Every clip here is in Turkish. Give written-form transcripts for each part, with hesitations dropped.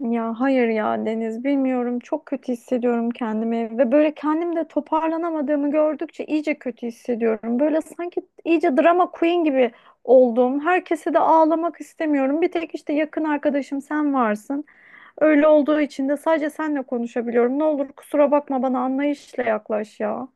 Ya hayır ya Deniz bilmiyorum çok kötü hissediyorum kendimi ve böyle kendimde toparlanamadığımı gördükçe iyice kötü hissediyorum. Böyle sanki iyice drama queen gibi oldum. Herkese de ağlamak istemiyorum. Bir tek işte yakın arkadaşım sen varsın. Öyle olduğu için de sadece senle konuşabiliyorum. Ne olur kusura bakma bana anlayışla yaklaş ya.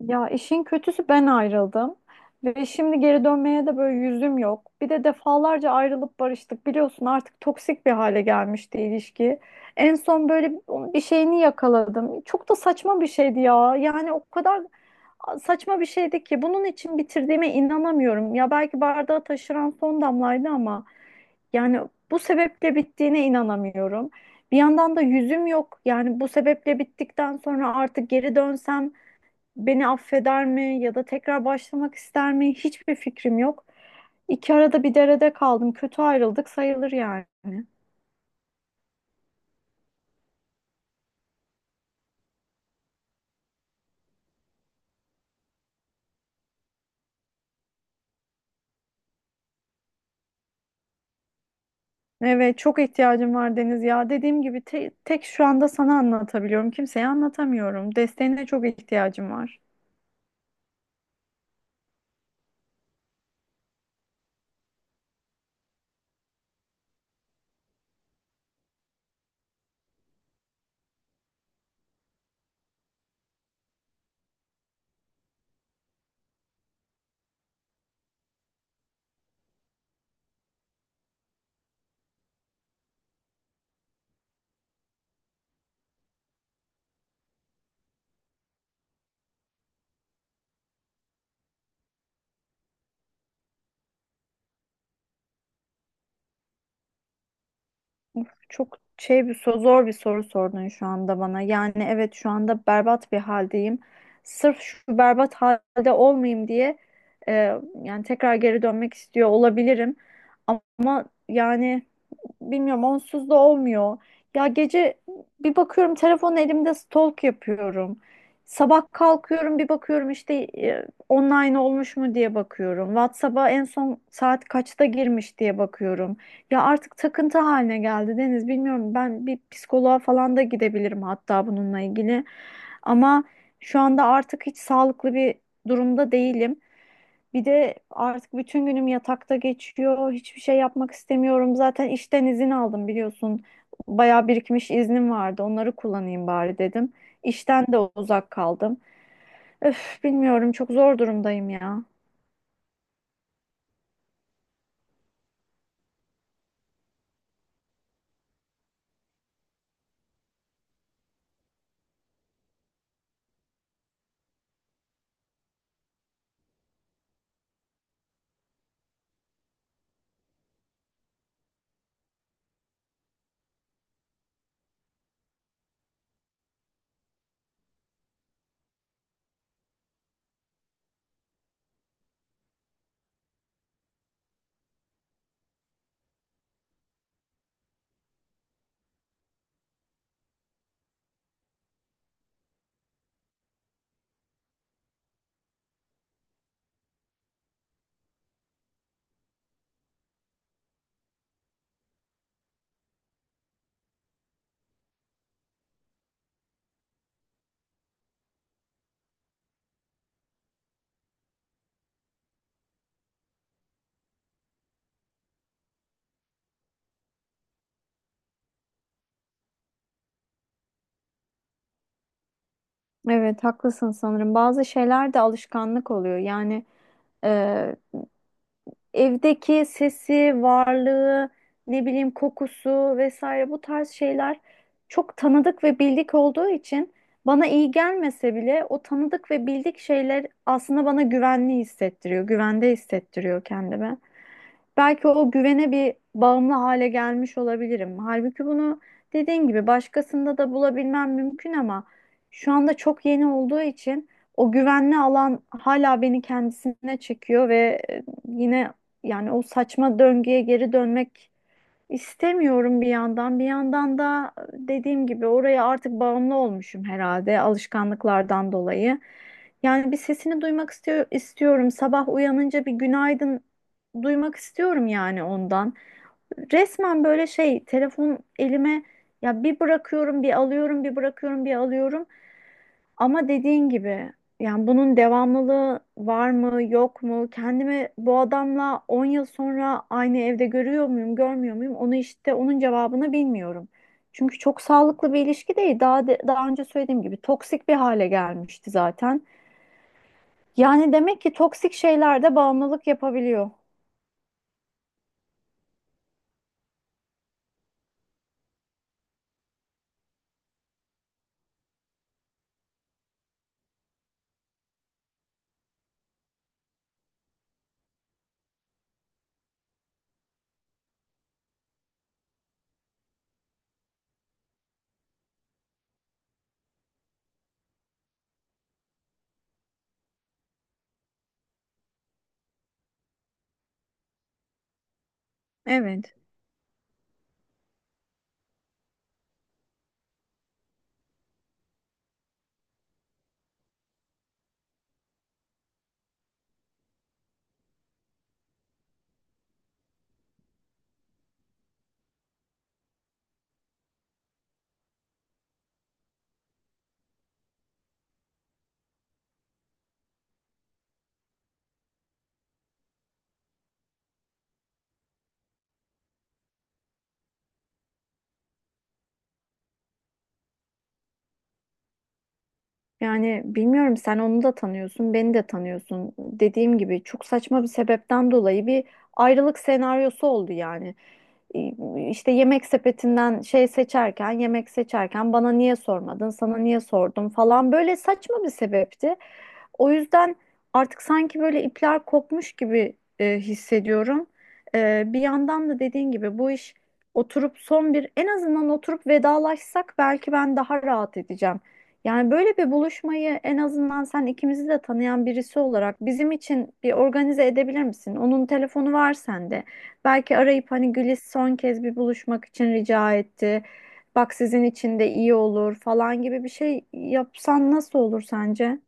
Ya işin kötüsü ben ayrıldım ve şimdi geri dönmeye de böyle yüzüm yok. Bir de defalarca ayrılıp barıştık. Biliyorsun artık toksik bir hale gelmişti ilişki. En son böyle bir şeyini yakaladım. Çok da saçma bir şeydi ya. Yani o kadar saçma bir şeydi ki bunun için bitirdiğime inanamıyorum. Ya belki bardağı taşıran son damlaydı ama yani bu sebeple bittiğine inanamıyorum. Bir yandan da yüzüm yok. Yani bu sebeple bittikten sonra artık geri dönsem beni affeder mi ya da tekrar başlamak ister mi? Hiçbir fikrim yok. İki arada bir derede kaldım. Kötü ayrıldık sayılır yani. Evet, çok ihtiyacım var Deniz ya. Dediğim gibi tek şu anda sana anlatabiliyorum. Kimseye anlatamıyorum. Desteğine çok ihtiyacım var. Çok şey bir soru, zor bir soru sordun şu anda bana. Yani evet şu anda berbat bir haldeyim. Sırf şu berbat halde olmayayım diye e, yani tekrar geri dönmek istiyor olabilirim. Ama yani bilmiyorum onsuz da olmuyor. Ya gece bir bakıyorum telefon elimde stalk yapıyorum. Sabah kalkıyorum bir bakıyorum işte online olmuş mu diye bakıyorum. WhatsApp'a en son saat kaçta girmiş diye bakıyorum. Ya artık takıntı haline geldi Deniz. Bilmiyorum ben bir psikoloğa falan da gidebilirim hatta bununla ilgili. Ama şu anda artık hiç sağlıklı bir durumda değilim. Bir de artık bütün günüm yatakta geçiyor. Hiçbir şey yapmak istemiyorum. Zaten işten izin aldım biliyorsun. Bayağı birikmiş iznim vardı. Onları kullanayım bari dedim. İşten de uzak kaldım. Öf, bilmiyorum çok zor durumdayım ya. Evet haklısın sanırım. Bazı şeyler de alışkanlık oluyor. Yani evdeki sesi, varlığı, ne bileyim kokusu vesaire bu tarz şeyler çok tanıdık ve bildik olduğu için bana iyi gelmese bile o tanıdık ve bildik şeyler aslında bana güvenli hissettiriyor, güvende hissettiriyor kendime. Belki o güvene bir bağımlı hale gelmiş olabilirim. Halbuki bunu dediğin gibi başkasında da bulabilmem mümkün ama şu anda çok yeni olduğu için o güvenli alan hala beni kendisine çekiyor ve yine yani o saçma döngüye geri dönmek İstemiyorum bir yandan. Bir yandan da dediğim gibi oraya artık bağımlı olmuşum herhalde alışkanlıklardan dolayı. Yani bir sesini duymak istiyor, istiyorum. Sabah uyanınca bir günaydın duymak istiyorum yani ondan. Resmen böyle şey telefon elime ya bir bırakıyorum bir alıyorum bir bırakıyorum bir alıyorum. Ama dediğin gibi yani bunun devamlılığı var mı yok mu? Kendimi bu adamla 10 yıl sonra aynı evde görüyor muyum görmüyor muyum? Onu işte onun cevabını bilmiyorum. Çünkü çok sağlıklı bir ilişki değil. Daha daha önce söylediğim gibi toksik bir hale gelmişti zaten. Yani demek ki toksik şeyler de bağımlılık yapabiliyor. Evet. Yani bilmiyorum sen onu da tanıyorsun, beni de tanıyorsun. Dediğim gibi çok saçma bir sebepten dolayı bir ayrılık senaryosu oldu yani. İşte yemek sepetinden şey seçerken, yemek seçerken bana niye sormadın, sana niye sordum falan böyle saçma bir sebepti. O yüzden artık sanki böyle ipler kopmuş gibi hissediyorum. Bir yandan da dediğin gibi bu iş oturup son bir en azından oturup vedalaşsak belki ben daha rahat edeceğim. Yani böyle bir buluşmayı en azından sen ikimizi de tanıyan birisi olarak bizim için bir organize edebilir misin? Onun telefonu var sende. Belki arayıp hani Güliz son kez bir buluşmak için rica etti. Bak sizin için de iyi olur falan gibi bir şey yapsan nasıl olur sence?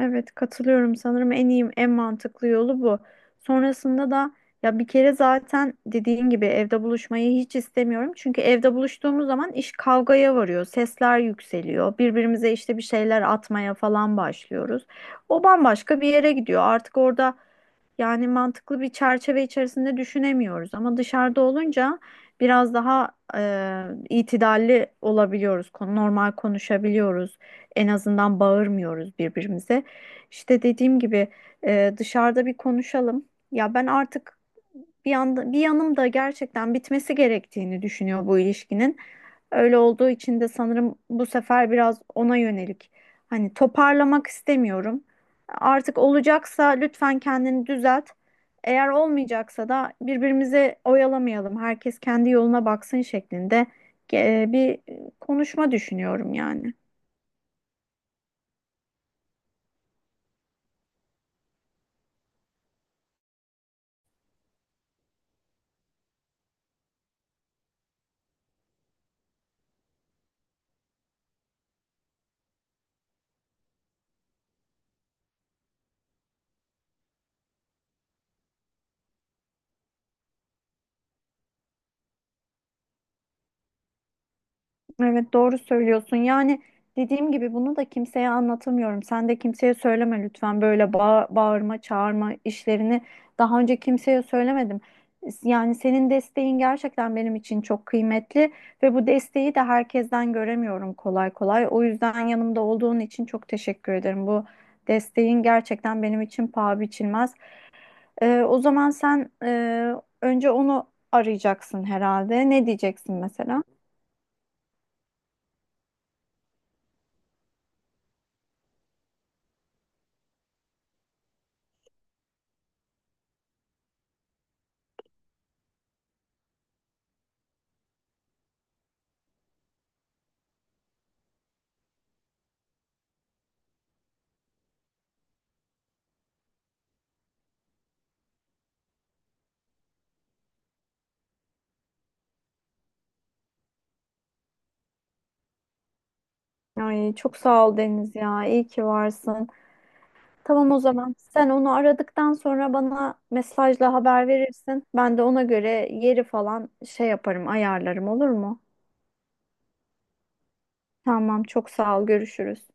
Evet katılıyorum sanırım en iyi en mantıklı yolu bu. Sonrasında da ya bir kere zaten dediğin gibi evde buluşmayı hiç istemiyorum. Çünkü evde buluştuğumuz zaman iş kavgaya varıyor. Sesler yükseliyor. Birbirimize işte bir şeyler atmaya falan başlıyoruz. O bambaşka bir yere gidiyor. Artık orada yani mantıklı bir çerçeve içerisinde düşünemiyoruz ama dışarıda olunca biraz daha e, itidalli olabiliyoruz. Normal konuşabiliyoruz. En azından bağırmıyoruz birbirimize. İşte dediğim gibi dışarıda bir konuşalım. Ya ben artık bir yanda, bir yanım da gerçekten bitmesi gerektiğini düşünüyor bu ilişkinin. Öyle olduğu için de sanırım bu sefer biraz ona yönelik. Hani toparlamak istemiyorum. Artık olacaksa lütfen kendini düzelt. Eğer olmayacaksa da birbirimizi oyalamayalım. Herkes kendi yoluna baksın şeklinde bir konuşma düşünüyorum yani. Evet doğru söylüyorsun. Yani dediğim gibi bunu da kimseye anlatamıyorum. Sen de kimseye söyleme lütfen böyle bağırma, çağırma işlerini daha önce kimseye söylemedim. Yani senin desteğin gerçekten benim için çok kıymetli ve bu desteği de herkesten göremiyorum kolay kolay. O yüzden yanımda olduğun için çok teşekkür ederim. Bu desteğin gerçekten benim için paha biçilmez. O zaman sen önce onu arayacaksın herhalde. Ne diyeceksin mesela? Ay çok sağ ol Deniz ya. İyi ki varsın. Tamam o zaman. Sen onu aradıktan sonra bana mesajla haber verirsin. Ben de ona göre yeri falan şey yaparım, ayarlarım olur mu? Tamam çok sağ ol. Görüşürüz.